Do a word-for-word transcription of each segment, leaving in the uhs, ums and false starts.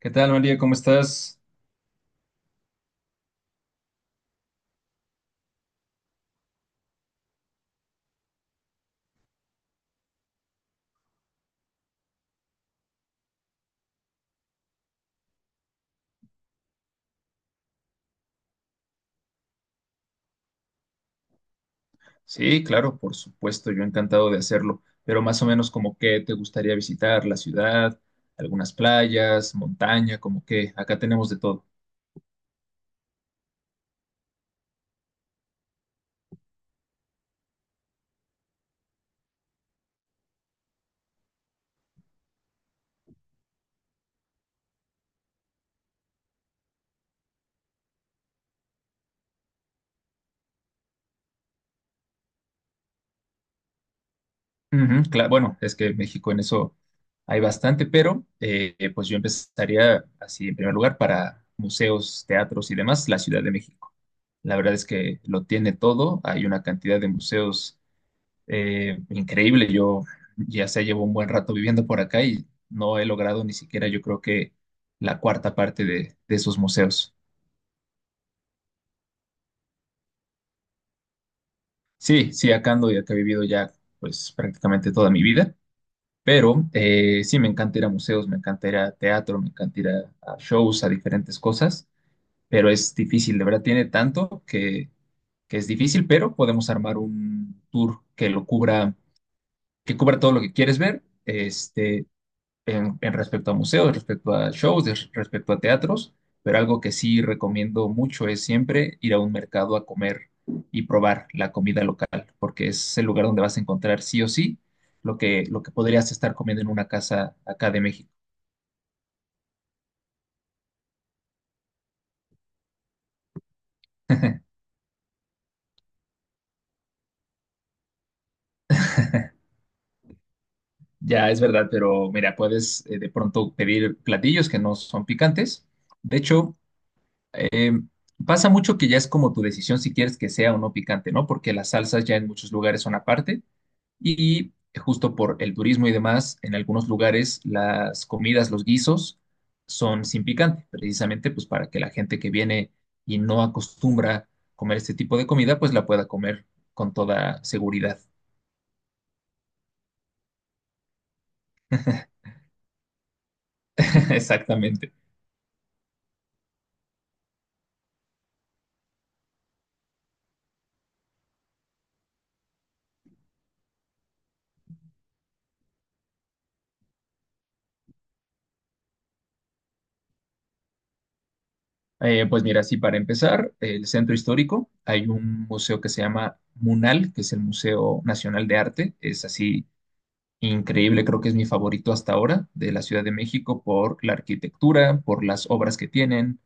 ¿Qué tal, María? ¿Cómo estás? Sí, claro, por supuesto, yo encantado de hacerlo, pero más o menos como que te gustaría visitar la ciudad, algunas playas, montaña, como que acá tenemos de todo. Ujú, cla- bueno, es que México en eso hay bastante, pero eh, eh, pues yo empezaría así en primer lugar para museos, teatros y demás, la Ciudad de México. La verdad es que lo tiene todo, hay una cantidad de museos Eh, increíble. Yo ya se llevo un buen rato viviendo por acá y no he logrado ni siquiera, yo creo que la cuarta parte de, de esos museos. Sí, sí, acá ando y acá he vivido ya pues prácticamente toda mi vida, pero eh, sí, me encanta ir a museos, me encanta ir a teatro, me encanta ir a, a shows, a diferentes cosas, pero es difícil, de verdad tiene tanto que, que es difícil, pero podemos armar un tour que lo cubra, que cubra todo lo que quieres ver. Este, en, en respecto a museos, respecto a shows, des- respecto a teatros, pero algo que sí recomiendo mucho es siempre ir a un mercado a comer y probar la comida local, porque es el lugar donde vas a encontrar sí o sí lo que, lo que podrías estar comiendo en una casa acá de México. Ya es verdad, pero mira, puedes eh, de pronto pedir platillos que no son picantes. De hecho, Eh, pasa mucho que ya es como tu decisión si quieres que sea o no picante, ¿no? Porque las salsas ya en muchos lugares son aparte y justo por el turismo y demás, en algunos lugares las comidas, los guisos son sin picante, precisamente pues para que la gente que viene y no acostumbra comer este tipo de comida, pues la pueda comer con toda seguridad. Exactamente. Eh, pues mira, sí, para empezar, el centro histórico, hay un museo que se llama MUNAL, que es el Museo Nacional de Arte, es así increíble. Creo que es mi favorito hasta ahora de la Ciudad de México por la arquitectura, por las obras que tienen,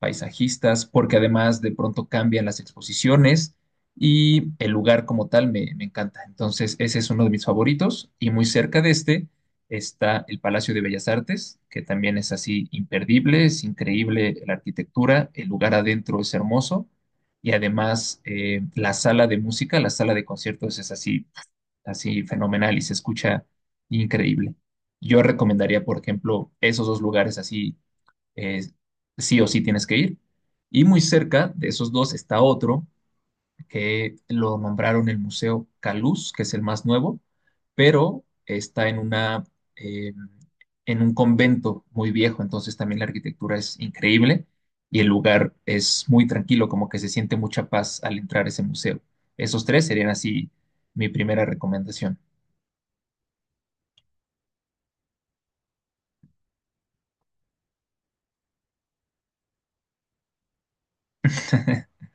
paisajistas, porque además de pronto cambian las exposiciones y el lugar como tal me, me encanta. Entonces, ese es uno de mis favoritos y muy cerca de este está el Palacio de Bellas Artes, que también es así imperdible, es increíble la arquitectura, el lugar adentro es hermoso y además eh, la sala de música, la sala de conciertos es así así fenomenal y se escucha increíble. Yo recomendaría, por ejemplo, esos dos lugares así, eh, sí o sí tienes que ir. Y muy cerca de esos dos está otro que lo nombraron el Museo Caluz, que es el más nuevo, pero está en una, eh, en un convento muy viejo, entonces también la arquitectura es increíble y el lugar es muy tranquilo, como que se siente mucha paz al entrar a ese museo. Esos tres serían así mi primera recomendación.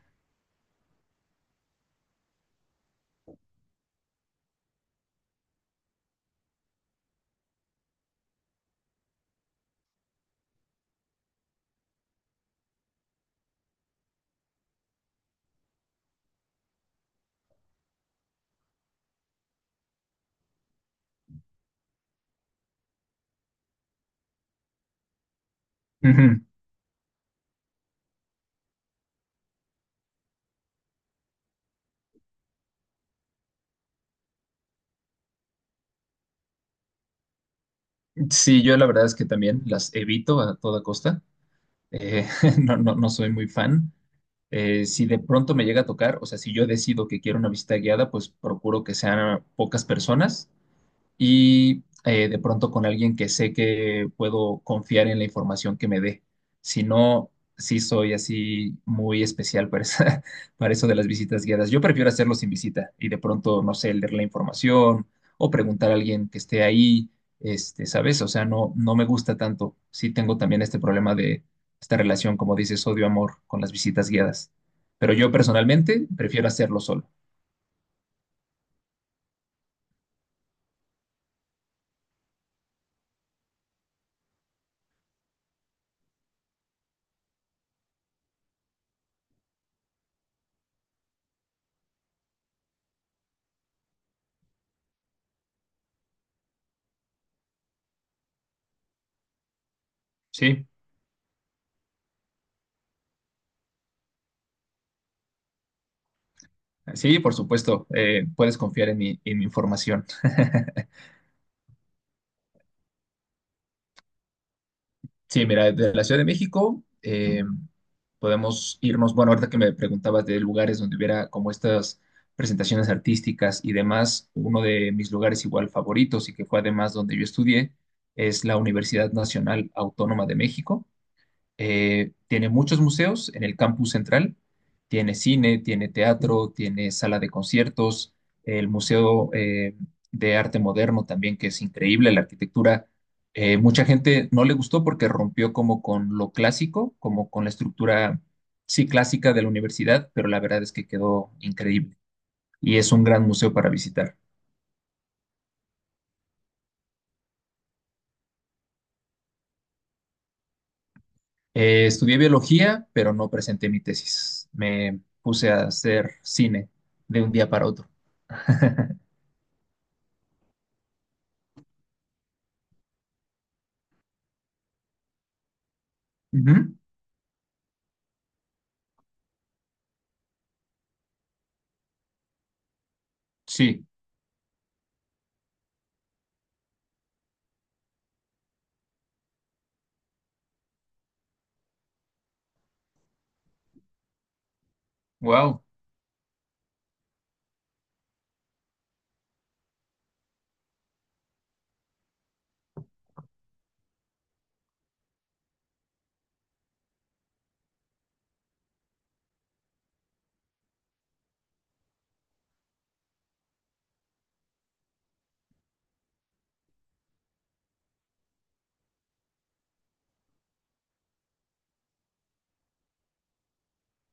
Ujú. Sí, yo la verdad es que también las evito a toda costa. Eh, no, no, no soy muy fan. Eh, si de pronto me llega a tocar, o sea, si yo decido que quiero una visita guiada, pues procuro que sean pocas personas y eh, de pronto con alguien que sé que puedo confiar en la información que me dé. Si no, sí soy así muy especial para, esa- para eso de las visitas guiadas. Yo prefiero hacerlo sin visita y de pronto, no sé, leer la información o preguntar a alguien que esté ahí, este, ¿sabes? O sea, no, no me gusta tanto. Sí tengo también este problema de esta relación, como dices, odio-amor con las visitas guiadas. Pero yo personalmente prefiero hacerlo solo. Sí. Sí, por supuesto, eh, puedes confiar en mi, en mi información. Sí, mira, de la Ciudad de México eh, podemos irnos, bueno, ahorita que me preguntabas de lugares donde hubiera como estas presentaciones artísticas y demás, uno de mis lugares igual favoritos y que fue además donde yo estudié es la Universidad Nacional Autónoma de México. Eh, tiene muchos museos en el campus central. Tiene cine, tiene teatro, tiene sala de conciertos, el Museo eh, de Arte Moderno también, que es increíble, la arquitectura. Eh, mucha gente no le gustó porque rompió como con lo clásico, como con la estructura, sí, clásica de la universidad, pero la verdad es que quedó increíble y es un gran museo para visitar. Eh, estudié biología, pero no presenté mi tesis. Me puse a hacer cine de un día para otro. Ujú, sí, wow,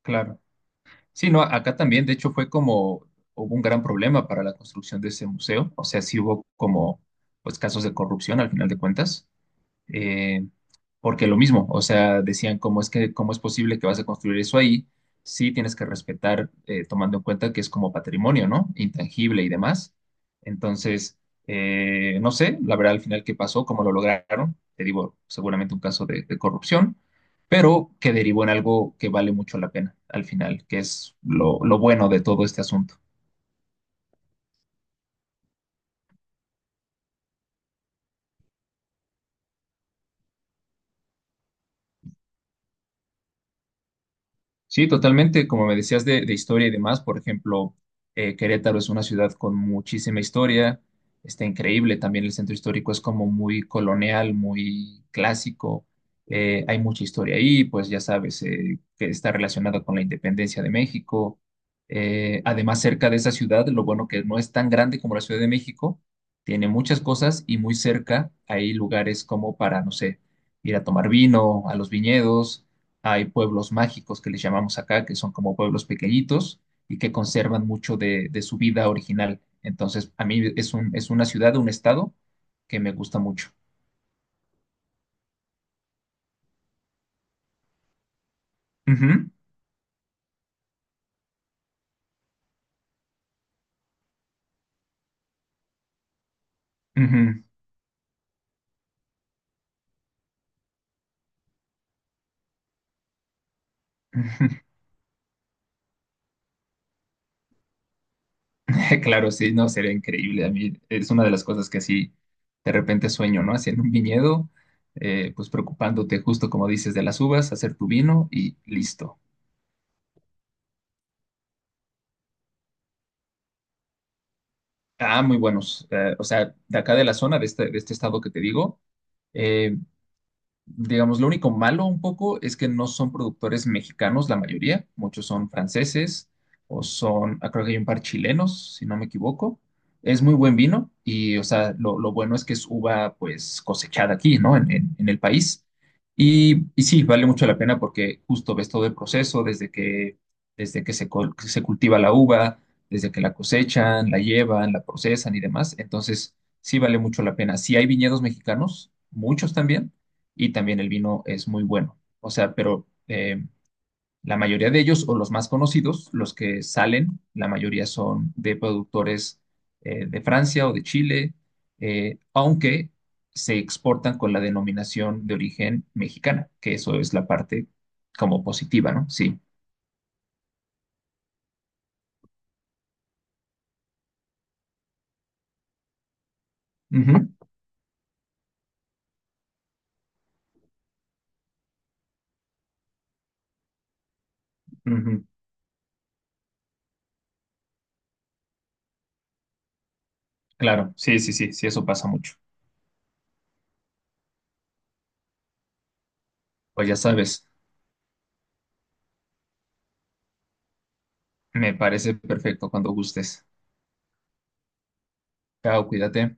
claro. Sí, no, acá también, de hecho, fue como, hubo un gran problema para la construcción de ese museo, o sea, sí hubo como, pues, casos de corrupción al final de cuentas, eh, porque lo mismo, o sea, decían cómo es que, cómo es posible que vas a construir eso ahí, sí tienes que respetar, eh, tomando en cuenta que es como patrimonio, ¿no? Intangible y demás. Entonces, eh, no sé, la verdad al final qué pasó, cómo lo lograron, te digo, seguramente un caso de, de corrupción, pero que derivó en algo que vale mucho la pena al final, que es lo, lo bueno de todo este asunto. Sí, totalmente. Como me decías de, de historia y demás, por ejemplo, eh, Querétaro es una ciudad con muchísima historia, está increíble. También el centro histórico es como muy colonial, muy clásico. Eh, hay mucha historia ahí, pues ya sabes, eh, que está relacionada con la independencia de México. Eh, además, cerca de esa ciudad, lo bueno que no es tan grande como la Ciudad de México, tiene muchas cosas y muy cerca hay lugares como para, no sé, ir a tomar vino, a los viñedos hay pueblos mágicos que les llamamos acá, que son como pueblos pequeñitos y que conservan mucho de, de su vida original. Entonces, a mí es un, es una ciudad, un estado que me gusta mucho. Ujú, ujú, ujú. Claro, sí, no, sería increíble. A mí es una de las cosas que así de repente sueño, ¿no? Haciendo un viñedo, eh, pues preocupándote justo como dices de las uvas, hacer tu vino y listo. Ah, muy buenos. Eh, o sea, de acá de la zona, de este, de este estado que te digo. eh, Digamos, lo único malo un poco es que no son productores mexicanos la mayoría, muchos son franceses o son, ah, creo que hay un par chilenos, si no me equivoco. Es muy buen vino y, o sea, lo, lo bueno es que es uva pues cosechada aquí, ¿no? En, en- en el país. Y, y sí, vale mucho la pena porque justo ves todo el proceso desde que, desde que se, col- se cultiva la uva, desde que la cosechan, la llevan, la procesan y demás. Entonces, sí vale mucho la pena. Sí hay viñedos mexicanos, muchos también y también el vino es muy bueno. O sea, pero eh, la mayoría de ellos, o los más conocidos, los que salen, la mayoría son de productores eh, de Francia o de Chile, eh, aunque se exportan con la denominación de origen mexicana, que eso es la parte como positiva, ¿no? Sí. Ujú, ujú. Claro, sí, sí, sí, sí, eso pasa mucho. Pues ya sabes, me parece perfecto cuando gustes. Chao, cuídate.